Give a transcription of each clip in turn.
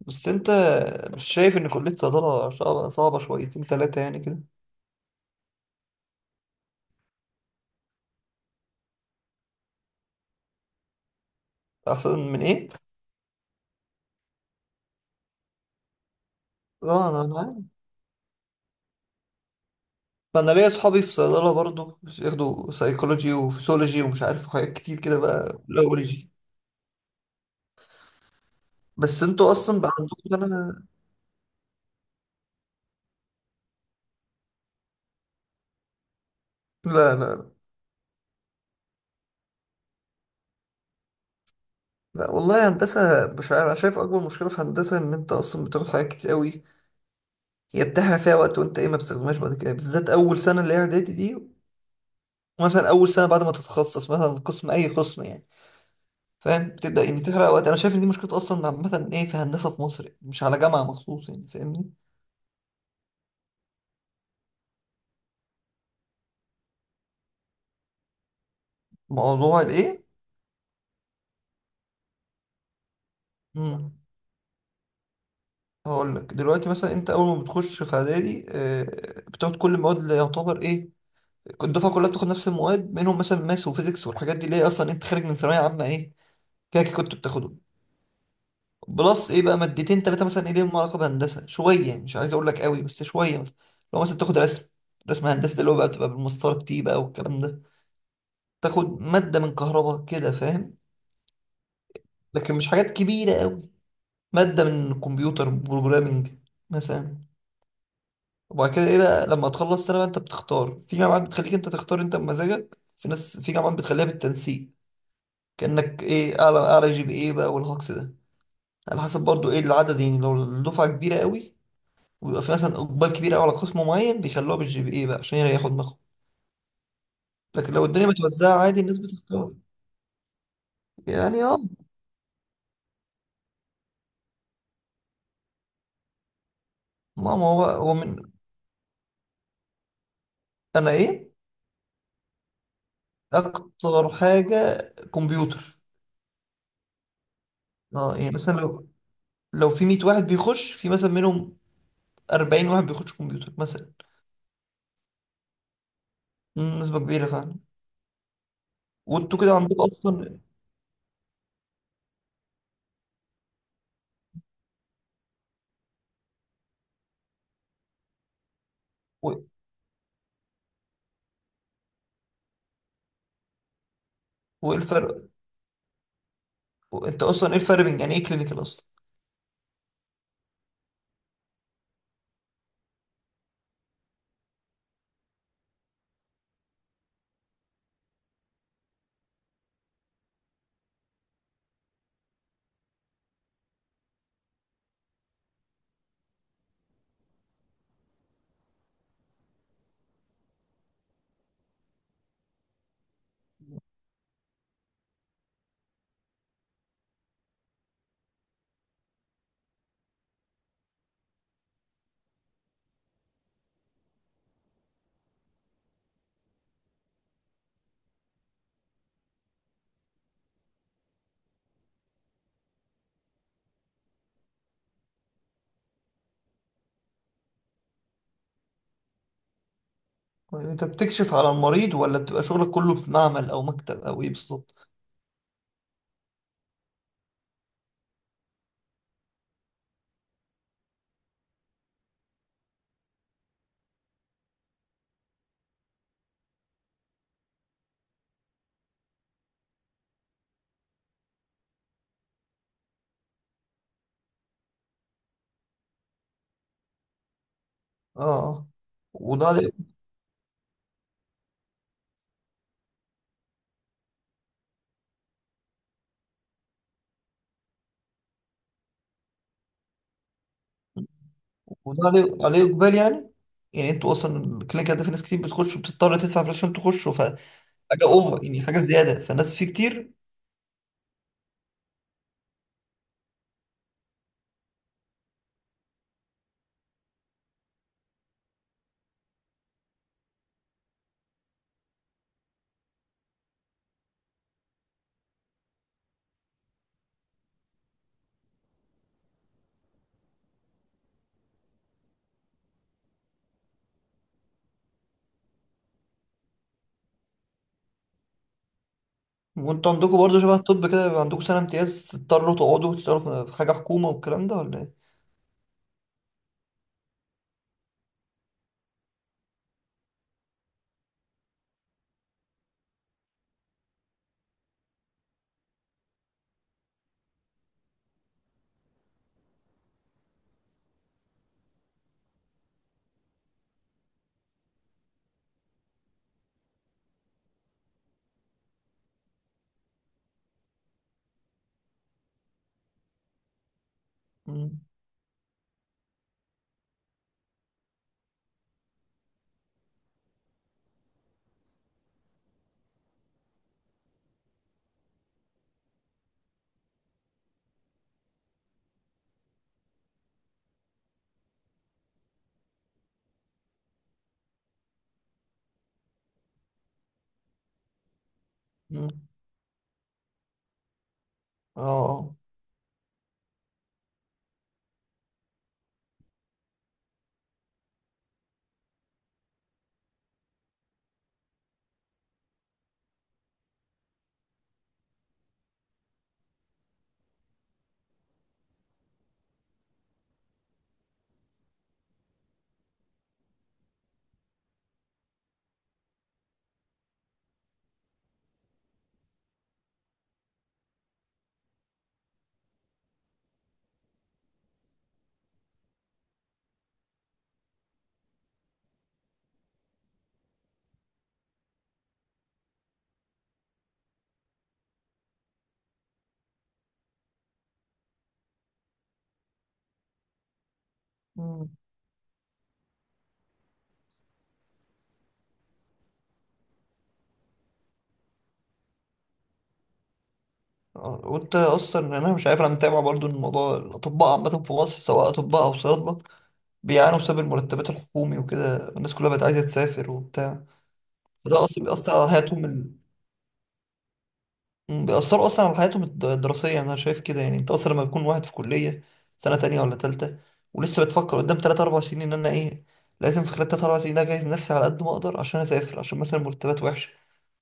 بس انت مش شايف ان كلية صيدلة صعبة صعبة شويتين تلاتة يعني كده؟ احسن من ايه؟ اه انا عارف. فانا ليا اصحابي في صيدلة برضو بياخدوا سايكولوجي وفسيولوجي ومش عارف حاجات كتير كده بقى الاولوجي. بس انتوا اصلا بقى عندكم انا... لا لا. لا والله هندسة. مش عارف، انا شايف اكبر مشكلة في هندسة ان انت اصلا بتاخد حاجات كتير قوي، هي بتحرق فيها وقت وانت ايه ما بتستخدمهاش بعد كده، بالذات اول سنة اللي هي اعدادي دي. مثلا اول سنة بعد ما تتخصص مثلا في قسم اي قسم يعني، فاهم، بتبدأ يعني تحرق وقت. انا شايف ان دي مشكلة اصلا عامة ايه في هندسة في مصر يعني، مش على جامعة مخصوص يعني، فاهمني. موضوع الايه؟ امم هقول لك دلوقتي. مثلا انت اول ما بتخش في اعدادي بتاخد كل المواد، اللي يعتبر ايه الدفعة كلها بتاخد نفس المواد، منهم مثلا ماس وفيزيكس والحاجات دي اللي هي اصلا انت خارج من ثانوية عامة ايه كده كده كنت بتاخده. بلس ايه بقى مادتين ثلاثة مثلا ايه ليهم علاقة بهندسة شوية، يعني مش عايز اقول لك قوي بس شوية. مثلا لو مثلا تاخد رسم هندسة اللي هو بقى بتبقى بالمسطرة تي بقى والكلام ده. تاخد مادة من كهرباء كده، فاهم؟ لكن مش حاجات كبيرة قوي. مادة من كمبيوتر بروجرامنج مثلا. وبعد كده ايه بقى لما تخلص سنة بقى انت بتختار. في جامعات بتخليك انت تختار انت بمزاجك، في ناس في جامعات بتخليها بالتنسيق، كأنك ايه اعلى اعلى جي بي ايه بقى والهكس ده. على حسب برضو ايه العدد، يعني لو الدفعة كبيرة قوي ويبقى في مثلا اقبال كبير قوي على قسم معين بيخلوها بالجي بي اي بقى عشان يريحوا دماغهم. لكن لو الدنيا متوزعة عادي الناس بتختار. يعني اه، ما هو من انا ايه اكتر حاجه كمبيوتر. اه يعني مثلا لو في 100 واحد بيخش في مثلا منهم 40 واحد بيخش كمبيوتر مثلا. مم، نسبه كبيره فعلا. وانتوا كده عندكم اصلا و- وايه الفرق، انت اصلا ايه الفرق بين يعني ايه كلينيكال اصلا؟ يعني انت بتكشف على المريض ولا بتبقى شغلك كله في معمل او مكتب او ايه بالظبط؟ اه آه. وده عليه. وده عليه اقبال يعني؟ يعني انتوا اصلا الكلينيكال ده في ناس كتير بتخش وبتضطر تدفع فلوس عشان تخشوا فحاجه اوفر يعني، حاجه زياده فالناس فيه كتير. وانتوا عندكم برضه شبه الطب كده، يبقى عندكم سنة امتياز تضطروا تقعدوا تشتغلوا في حاجة حكومة والكلام ده ولا ايه؟ مم. مم. اه. مم. اه وانت اصلا، انا مش عارف، انا متابع برضه الموضوع. الاطباء عامة في مصر سواء اطباء او صيادلة بيعانوا بسبب المرتبات الحكومي وكده، الناس كلها بقت عايزة تسافر وبتاع. فده اصلا بيأثر على حياتهم. مم، بيأثروا أصلا على حياتهم الدراسية. أنا شايف كده، يعني أنت أصلا لما بيكون واحد في كلية سنة تانية ولا تالتة ولسه بتفكر قدام تلات أربع سنين إن أنا إيه لازم في خلال تلات أربع سنين ده أجهز نفسي على قد ما أقدر عشان أسافر، عشان مثلا مرتبات وحشة،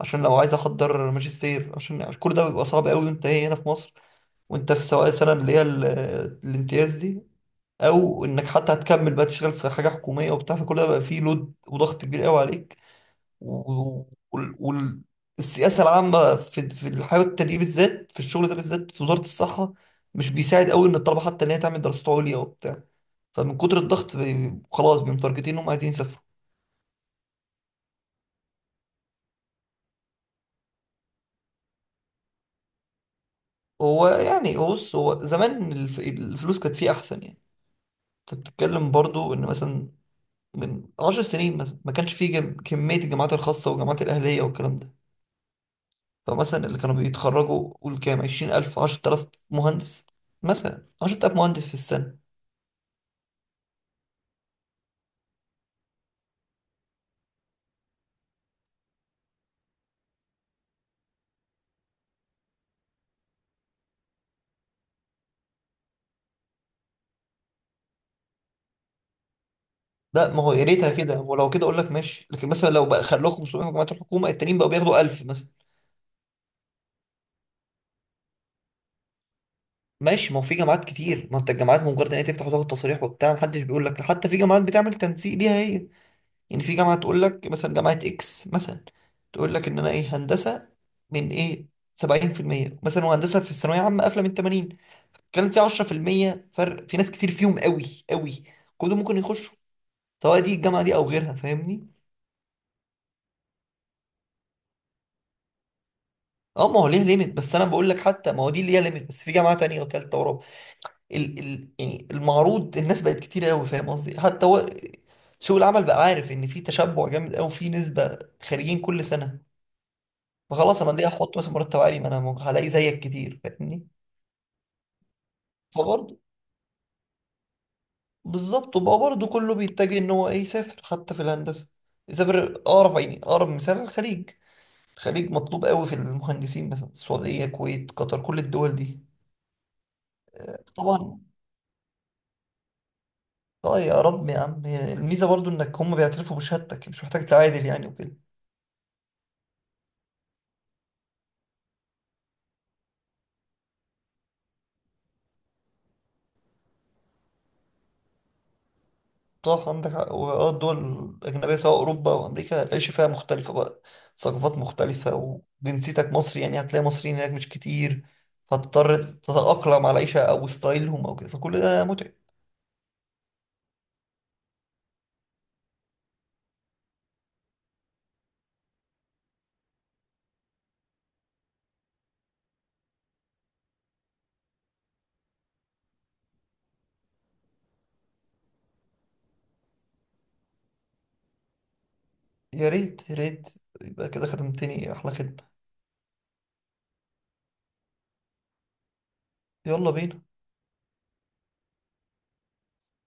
عشان لو عايز أحضر ماجستير، عشان كل ده بيبقى صعب أوي وأنت إيه هنا في مصر، وأنت في سواء السنة اللي هي الامتياز دي، أو إنك حتى هتكمل بقى تشتغل في حاجة حكومية وبتاع، فكل ده بقى فيه لود وضغط كبير أوي عليك. والسياسه العامه في الحياه، التدريب بالذات في الشغل ده، بالذات في وزاره الصحه مش بيساعد قوي ان الطلبه حتى ان هي تعمل دراسات عليا وبتاع. فمن كتر الضغط خلاص بمتارجتين انهم عايزين يسافروا. هو يعني، هو بص، هو زمان الفلوس كانت فيه احسن يعني. انت بتتكلم برضو ان مثلا من 10 سنين مثلا ما كانش فيه كمية الجامعات الخاصة والجامعات الأهلية والكلام ده. فمثلا اللي كانوا بيتخرجوا قول كام، 20000، 10000 مهندس مثلا، 10000 مهندس في السنة. لا ما هو يا ريتها كده، ولو كده اقول لك ماشي، لكن مثلا لو بقى خلوه 500 في جامعه الحكومه التانيين بقوا بياخدوا 1000 مثلا. ماشي، ما هو في جامعات كتير، ما انت الجامعات مجرد ان هي تفتح وتاخد تصريح وبتاع محدش بيقول لك، حتى في جامعات بتعمل تنسيق ليها هي. يعني في جامعه تقول لك مثلا جامعه اكس مثلا، تقول لك ان انا ايه هندسه من ايه 70% مثلا، وهندسه في الثانويه عامه قافله من 80، كان في 10% فرق، في ناس كتير فيهم قوي قوي كلهم ممكن يخشوا سواء دي الجامعه دي او غيرها، فاهمني؟ اه ما هو ليه ليميت، بس انا بقول لك، حتى ما هو دي اللي هي ليميت، بس في جامعه تانية وتالتة ورابعه. ال يعني المعروض، الناس بقت كتير قوي، فاهم قصدي؟ حتى هو سوق العمل بقى عارف ان في تشبع جامد قوي في نسبه خارجين كل سنه. فخلاص انا ليه احط مثلا مرتب عالي ما انا هلاقي زيك كتير، فاهمني؟ فبرضه بالظبط. وبقى برضه كله بيتجه ان هو ايه يسافر، حتى في الهندسه يسافر اقرب، يعني اقرب مثال الخليج. الخليج مطلوب قوي في المهندسين مثلا، السعوديه الكويت قطر كل الدول دي. طبعا. طيب يا رب يا عم، يعني الميزة برضو انك هم بيعترفوا بشهادتك مش محتاج تعادل يعني وكده. صح، عندك حق، واه الدول الأجنبية سواء أوروبا أو أمريكا العيش فيها مختلفة بقى، ثقافات مختلفة وجنسيتك مصري يعني هتلاقي مصريين هناك مش كتير، فتضطر تتأقلم على العيشة أو ستايلهم أو كده، فكل ده متعب. يا ريت يا ريت، يبقى كده خدمتني أحلى خدمة. يلا بينا.